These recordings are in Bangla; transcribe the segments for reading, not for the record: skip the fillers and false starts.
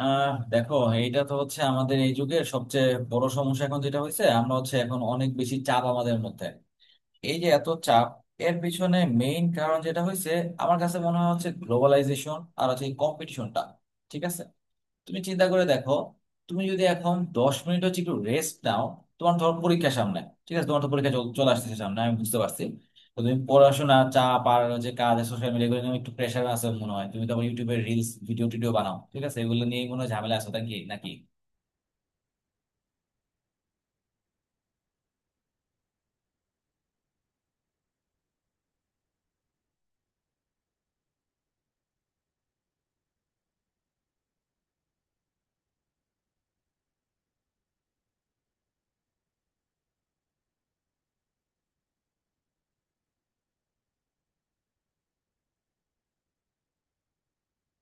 দেখো, এটা তো হচ্ছে আমাদের এই যুগের সবচেয়ে বড় সমস্যা। এখন যেটা হয়েছে, আমরা হচ্ছে এখন অনেক বেশি চাপ আমাদের মধ্যে। এই যে এত চাপ, এর পিছনে মেইন কারণ যেটা হয়েছে, আমার কাছে মনে হয় হচ্ছে গ্লোবালাইজেশন আর হচ্ছে কম্পিটিশনটা। ঠিক আছে, তুমি চিন্তা করে দেখো। তুমি যদি এখন 10 মিনিট হচ্ছে একটু রেস্ট নাও, তোমার ধর পরীক্ষা সামনে। ঠিক আছে, তোমার তো পরীক্ষা চলে আসতেছে সামনে, আমি বুঝতে পারছি। তো তুমি পড়াশোনা চাপ আর যে কাজ সোশ্যাল মিডিয়া এগুলো নিয়ে একটু প্রেশার আছে মনে হয়। তুমি তো আবার ইউটিউবে রিলস ভিডিও টিডিও বানাও, ঠিক আছে, এগুলো নিয়ে মনে হয় ঝামেলা আছে নাকি নাকি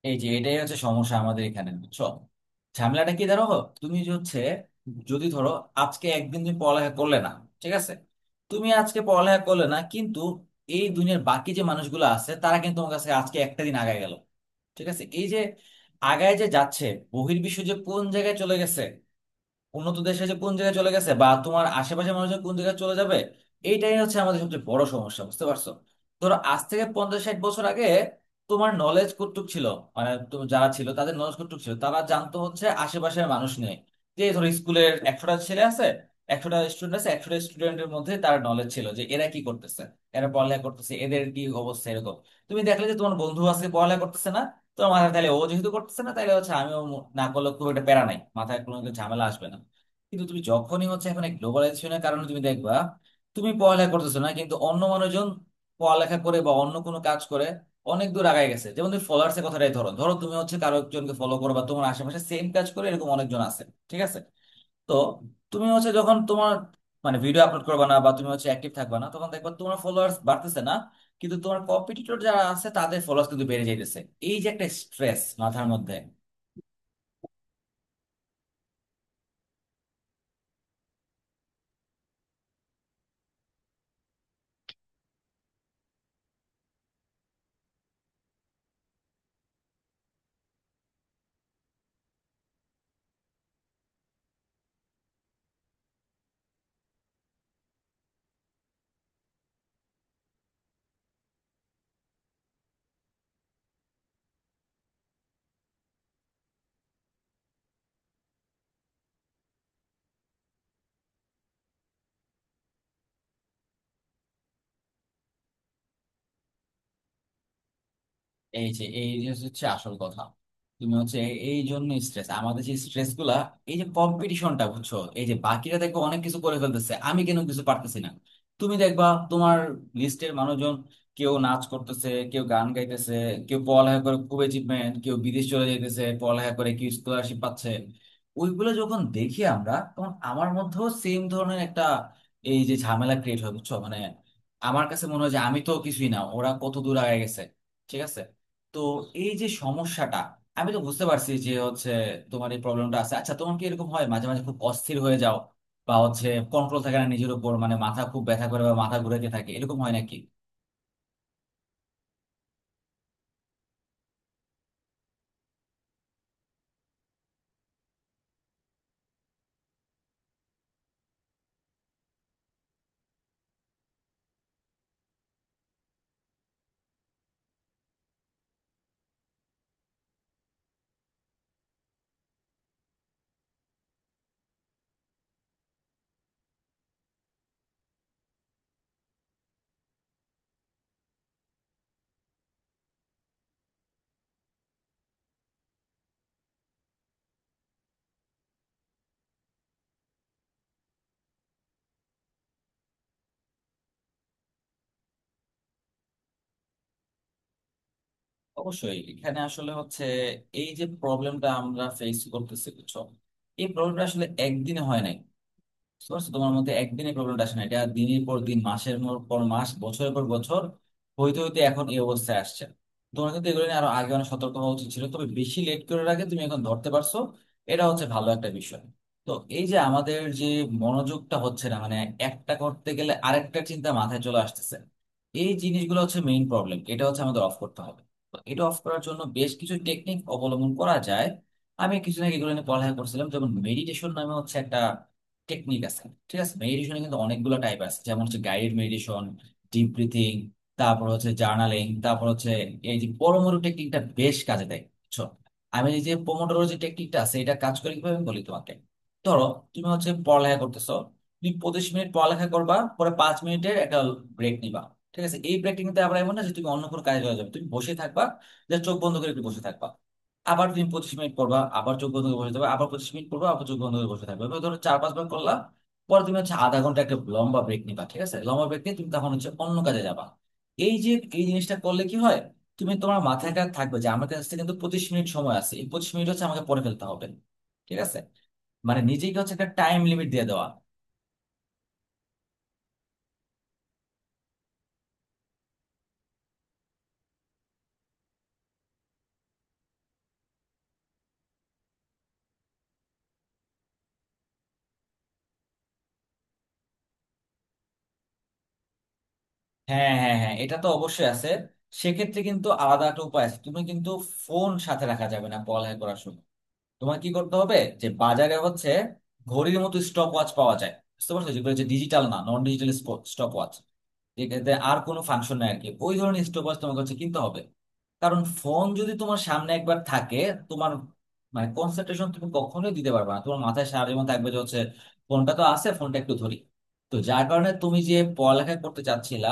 এই যে, এটাই হচ্ছে সমস্যা আমাদের এখানে, বুঝছো। ঝামেলাটা কি দাঁড়াবো, তুমি যে হচ্ছে, যদি ধরো আজকে একদিন তুমি পড়ালেখা করলে না, ঠিক আছে। তুমি আজকে পড়ালেখা করলে না, কিন্তু এই দুনিয়ার বাকি যে মানুষগুলো আছে তারা কিন্তু তোমার কাছে আজকে একটা দিন আগায় গেল। ঠিক আছে, এই যে আগায় যে যাচ্ছে, বহির্বিশ্ব যে কোন জায়গায় চলে গেছে, উন্নত দেশে যে কোন জায়গায় চলে গেছে, বা তোমার আশেপাশের মানুষজন কোন জায়গায় চলে যাবে। এইটাই হচ্ছে আমাদের সবচেয়ে বড় সমস্যা, বুঝতে পারছো। ধরো আজ থেকে 50-60 বছর আগে তোমার নলেজ কতটুক ছিল, মানে তুমি যারা ছিল তাদের নলেজ কতটুক ছিল, তারা জানতো হচ্ছে আশেপাশের মানুষ নিয়ে। যে ধরো স্কুলের 100টা ছেলে আছে, 100টা স্টুডেন্ট আছে, 100টা স্টুডেন্টের মধ্যে তার নলেজ ছিল যে এরা কি করতেছে, এরা পড়ালেখা করতেছে, এদের কি অবস্থা, এরকম। তুমি দেখলে যে তোমার বন্ধু আজকে পড়ালেখা করতেছে না, তো মাথায় তাহলে ও যেহেতু করতেছে না তাহলে হচ্ছে আমিও না করলে খুব একটা প্যারা নাই, মাথায় কোনো একটা ঝামেলা আসবে না। কিন্তু তুমি যখনই হচ্ছে এখন এই গ্লোবালাইজেশনের কারণে তুমি দেখবা, তুমি পড়ালেখা করতেছো না কিন্তু অন্য মানুষজন পড়ালেখা করে বা অন্য কোনো কাজ করে অনেক দূর আগায় গেছে। যেমন তুমি ফলোয়ার্স এর কথাটাই ধরো, ধরো তুমি হচ্ছে কারো একজনকে ফলো করো বা তোমার আশেপাশে সেম কাজ করে এরকম অনেকজন আছে, ঠিক আছে। তো তুমি হচ্ছে যখন তোমার মানে ভিডিও আপলোড করবে না বা তুমি হচ্ছে অ্যাক্টিভ থাকবে না, তখন দেখবা তোমার ফলোয়ার্স বাড়তেছে না, কিন্তু তোমার কম্পিটিটর যারা আছে তাদের ফলোয়ার্স কিন্তু বেড়ে যাইতেছে। এই যে একটা স্ট্রেস মাথার মধ্যে। এই যে হচ্ছে আসল কথা। তুমি হচ্ছে এই জন্য স্ট্রেস, আমাদের যে স্ট্রেস গুলা, এই যে কম্পিটিশনটা, বুঝছো। এই যে বাকিরা দেখো অনেক কিছু করে ফেলতেছে, আমি কেন কিছু পারতেছি না। তুমি দেখবা তোমার লিস্টের মানুষজন কেউ নাচ করতেছে, কেউ গান গাইতেছে, কেউ পড়ালেখা করে খুব অ্যাচিভমেন্ট, কেউ বিদেশ চলে যাইতেছে পড়ালেখা করে, কেউ স্কলারশিপ পাচ্ছে। ওইগুলো যখন দেখি আমরা, তখন আমার মধ্যেও সেম ধরনের একটা এই যে ঝামেলা ক্রিয়েট হয়, বুঝছো। মানে আমার কাছে মনে হয় যে আমি তো কিছুই না, ওরা কত দূর আগে গেছে, ঠিক আছে। তো এই যে সমস্যাটা, আমি তো বুঝতে পারছি যে হচ্ছে তোমার এই প্রবলেমটা আছে। আচ্ছা তোমার কি এরকম হয় মাঝে মাঝে খুব অস্থির হয়ে যাও, বা হচ্ছে কন্ট্রোল থাকে না নিজের উপর, মানে মাথা খুব ব্যথা করে বা মাথা ঘুরাইতে থাকে, এরকম হয় নাকি? অবশ্যই, এখানে আসলে হচ্ছে এই যে প্রবলেমটা আমরা ফেস করতেছি, বুঝছো। এই প্রবলেমটা আসলে একদিনে হয় নাই, বুঝছো। তোমার মধ্যে একদিনে প্রবলেমটা আসে না, এটা দিনের পর দিন, মাসের পর মাস, বছরের পর বছর হইতে হইতে এখন এই অবস্থায় আসছে। তোমার কিন্তু এগুলো নিয়ে আরো আগে অনেক সতর্ক হওয়া উচিত ছিল, তবে বেশি লেট করে রাখে তুমি এখন ধরতে পারছো, এটা হচ্ছে ভালো একটা বিষয়। তো এই যে আমাদের যে মনোযোগটা হচ্ছে না, মানে একটা করতে গেলে আরেকটা চিন্তা মাথায় চলে আসতেছে, এই জিনিসগুলো হচ্ছে মেইন প্রবলেম, এটা হচ্ছে আমাদের অফ করতে হবে। তো এটা অফ করার জন্য বেশ কিছু টেকনিক অবলম্বন করা যায়। আমি কিছু না এগুলো নিয়ে পড়ালেখা করছিলাম, যেমন মেডিটেশন নামে হচ্ছে একটা টেকনিক আছে, ঠিক আছে। মেডিটেশনে কিন্তু অনেকগুলো টাইপ আছে, যেমন হচ্ছে গাইডেড মেডিটেশন, ডিপ ব্রিথিং, তারপর হচ্ছে জার্নালিং, তারপর হচ্ছে এই যে পোমোডোরো টেকনিকটা বেশ কাজে দেয়, বুঝছো। আমি এই যে পোমোডোরো যে টেকনিকটা আছে এটা কাজ করে কিভাবে আমি বলি তোমাকে। ধরো তুমি হচ্ছে পড়ালেখা করতেছো, তুমি 25 মিনিট পড়ালেখা করবা, পরে 5 মিনিটের একটা ব্রেক নিবা, ঠিক আছে। এই ব্রেকটা কিন্তু আবার এমন না যে তুমি অন্য কোনো কাজে চলে যাবে, তুমি বসে থাকবা, যে চোখ বন্ধ করে একটু বসে থাকবা। আবার তুমি 25 মিনিট পড়বা, আবার চোখ বন্ধ করে বসে থাকবে, আবার 25 মিনিট পড়বা, আবার চোখ বন্ধ করে বসে থাকবে, এভাবে ধরো 4-5 বার করলা। পরে তুমি হচ্ছে আধা ঘন্টা একটা লম্বা ব্রেক নিবা, ঠিক আছে। লম্বা ব্রেক নিয়ে তুমি তখন হচ্ছে অন্য কাজে যাবা। এই যে এই জিনিসটা করলে কি হয়, তুমি তোমার মাথায় কাজ থাকবে যে আমার কাছে কিন্তু 25 মিনিট সময় আছে, এই 25 মিনিট হচ্ছে আমাকে পড়ে ফেলতে হবে, ঠিক আছে। মানে নিজেকে হচ্ছে একটা টাইম লিমিট দিয়ে দেওয়া। হ্যাঁ হ্যাঁ হ্যাঁ, এটা তো অবশ্যই আছে। সেক্ষেত্রে কিন্তু আলাদা একটা উপায় আছে, তুমি কিন্তু ফোন সাথে রাখা যাবে না পড়ালেখা করার সময়। তোমার কি করতে হবে, যে বাজারে হচ্ছে ঘড়ির মতো স্টপ ওয়াচ পাওয়া যায়, বুঝতে পারছো, যেগুলো হচ্ছে ডিজিটাল না, নন ডিজিটাল স্টপ ওয়াচ, যেটাতে আর কোনো ফাংশন নাই আর কি, ওই ধরনের স্টপ ওয়াচ তোমাকে হচ্ছে কিনতে হবে। কারণ ফোন যদি তোমার সামনে একবার থাকে, তোমার মানে কনসেন্ট্রেশন তুমি কখনোই দিতে পারবে না, তোমার মাথায় সারা জীবন থাকবে যে হচ্ছে ফোনটা তো আছে, ফোনটা একটু ধরি। তো যার কারণে তুমি যে পড়ালেখা করতে চাচ্ছিলা,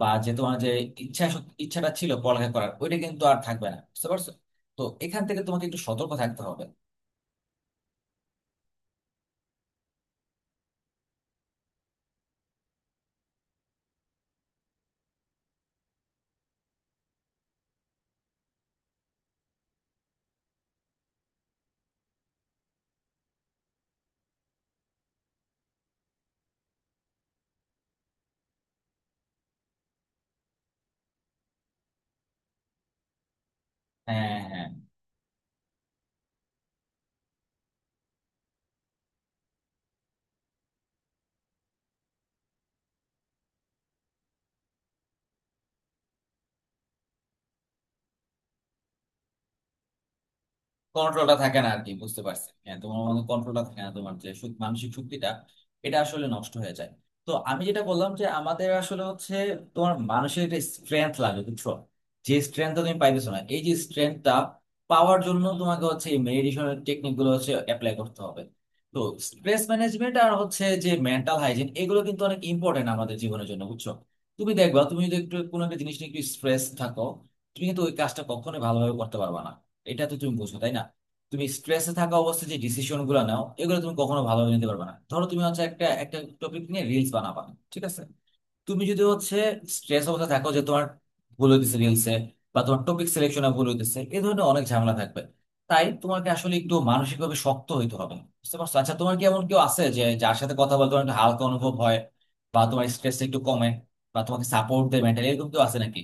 বা যে তোমার যে ইচ্ছাটা ছিল পড়ালেখা করার, ওইটা কিন্তু আর থাকবে না, বুঝতে পারছো। তো এখান থেকে তোমাকে একটু সতর্ক থাকতে হবে। হ্যাঁ হ্যাঁ, কন্ট্রোলটা থাকে না আর কি, বুঝতে পারছি। হ্যাঁ তোমার মধ্যে কন্ট্রোলটা থাকে না, তোমার যে মানসিক শক্তিটা এটা আসলে নষ্ট হয়ে যায়। তো আমি যেটা বললাম যে আমাদের আসলে হচ্ছে, তোমার মানুষের একটা স্ট্রেংথ লাগে, বুঝছো, যে স্ট্রেংথটা তুমি পাইতেছো না। এই যে স্ট্রেংথটা পাওয়ার জন্য তোমাকে হচ্ছে এই মেডিটেশনের টেকনিক গুলো হচ্ছে অ্যাপ্লাই করতে হবে। তো স্ট্রেস ম্যানেজমেন্ট আর হচ্ছে যে মেন্টাল হাইজিন, এগুলো কিন্তু অনেক ইম্পর্টেন্ট আমাদের জীবনের জন্য, বুঝছো। তুমি দেখবা, তুমি যদি একটু কোনো একটা জিনিস নিয়ে একটু স্ট্রেস থাকো, তুমি কিন্তু ওই কাজটা কখনোই ভালোভাবে করতে পারবা না, এটা তো তুমি বুঝো তাই না। তুমি স্ট্রেসে থাকা অবস্থায় যে ডিসিশন গুলো নাও এগুলো তুমি কখনো ভালোভাবে নিতে পারবে না। ধরো তুমি হচ্ছে একটা একটা টপিক নিয়ে রিলস বানাবা, ঠিক আছে। তুমি যদি হচ্ছে স্ট্রেস অবস্থায় থাকো, যে তোমার ভুল হইতেছে রিলসে, বা তোমার টপিক সিলেকশনে ভুল হইতেছে, এই ধরনের অনেক ঝামেলা থাকবে। তাই তোমাকে আসলে একটু মানসিকভাবে শক্ত হইতে হবে, বুঝতে পারছো। আচ্ছা তোমার কি এমন কেউ আছে যে, যার সাথে কথা বলতে তোমার একটু হালকা অনুভব হয়, বা তোমার স্ট্রেসটা একটু কমে, বা তোমাকে সাপোর্ট দেয় মেন্টালি, এরকম কেউ আছে নাকি?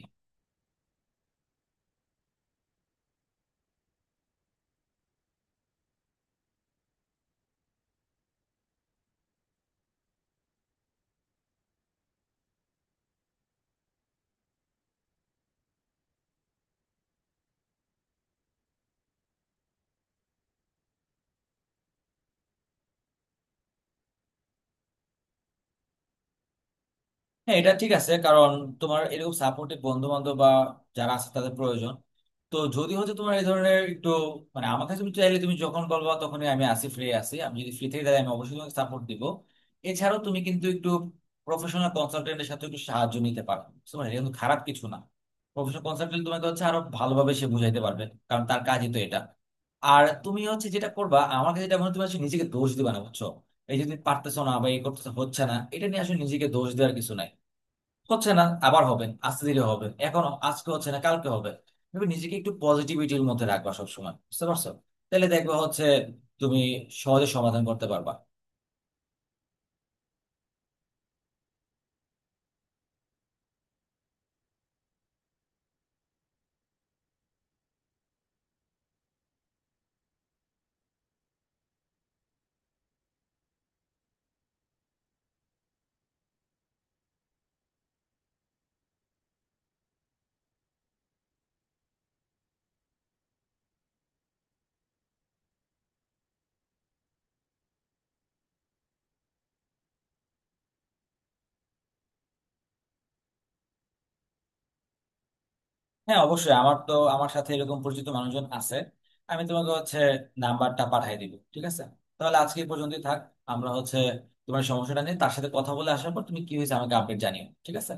হ্যাঁ, এটা ঠিক আছে, কারণ তোমার এরকম সাপোর্টিভ বন্ধু বান্ধব বা যারা আছে তাদের প্রয়োজন। তো যদি হচ্ছে তোমার এই ধরনের একটু মানে, আমার কাছে তুমি চাইলে, তুমি যখন বলবা তখনই আমি আসি, ফ্রি আছি, আমি যদি ফ্রি থেকে তাহলে আমি অবশ্যই তোমাকে সাপোর্ট দিব। এছাড়াও তুমি কিন্তু একটু প্রফেশনাল কনসালটেন্টের সাথে একটু সাহায্য নিতে পারো, বুঝতে পারলে? এটা কিন্তু খারাপ কিছু না। প্রফেশনাল কনসালটেন্ট তোমাকে হচ্ছে আরো ভালোভাবে সে বুঝাইতে পারবে, কারণ তার কাজই তো এটা। আর তুমি হচ্ছে যেটা করবা, আমার কাছে যেটা মনে হয়, তুমি আসলে নিজেকে দোষ দিবা না, বুঝছো। এই যে তুমি পারতেছো না বা এই করতেছো হচ্ছে না, এটা নিয়ে আসলে নিজেকে দোষ দেওয়ার কিছু নাই। হচ্ছে না, আবার হবে, আস্তে ধীরে হবে, এখন আজকে হচ্ছে না কালকে হবে। তুমি নিজেকে একটু পজিটিভিটির মধ্যে রাখবা সবসময়, বুঝতে পারছো, তাহলে দেখবা হচ্ছে তুমি সহজে সমাধান করতে পারবা। হ্যাঁ অবশ্যই, আমার তো আমার সাথে এরকম পরিচিত মানুষজন আছে। আমি তোমাকে হচ্ছে নাম্বারটা পাঠিয়ে দিব, ঠিক আছে। তাহলে আজকে এই পর্যন্তই থাক। আমরা হচ্ছে তোমার সমস্যাটা নিয়ে তার সাথে কথা বলে আসার পর তুমি কি হয়েছে আমাকে আপডেট জানিও, ঠিক আছে।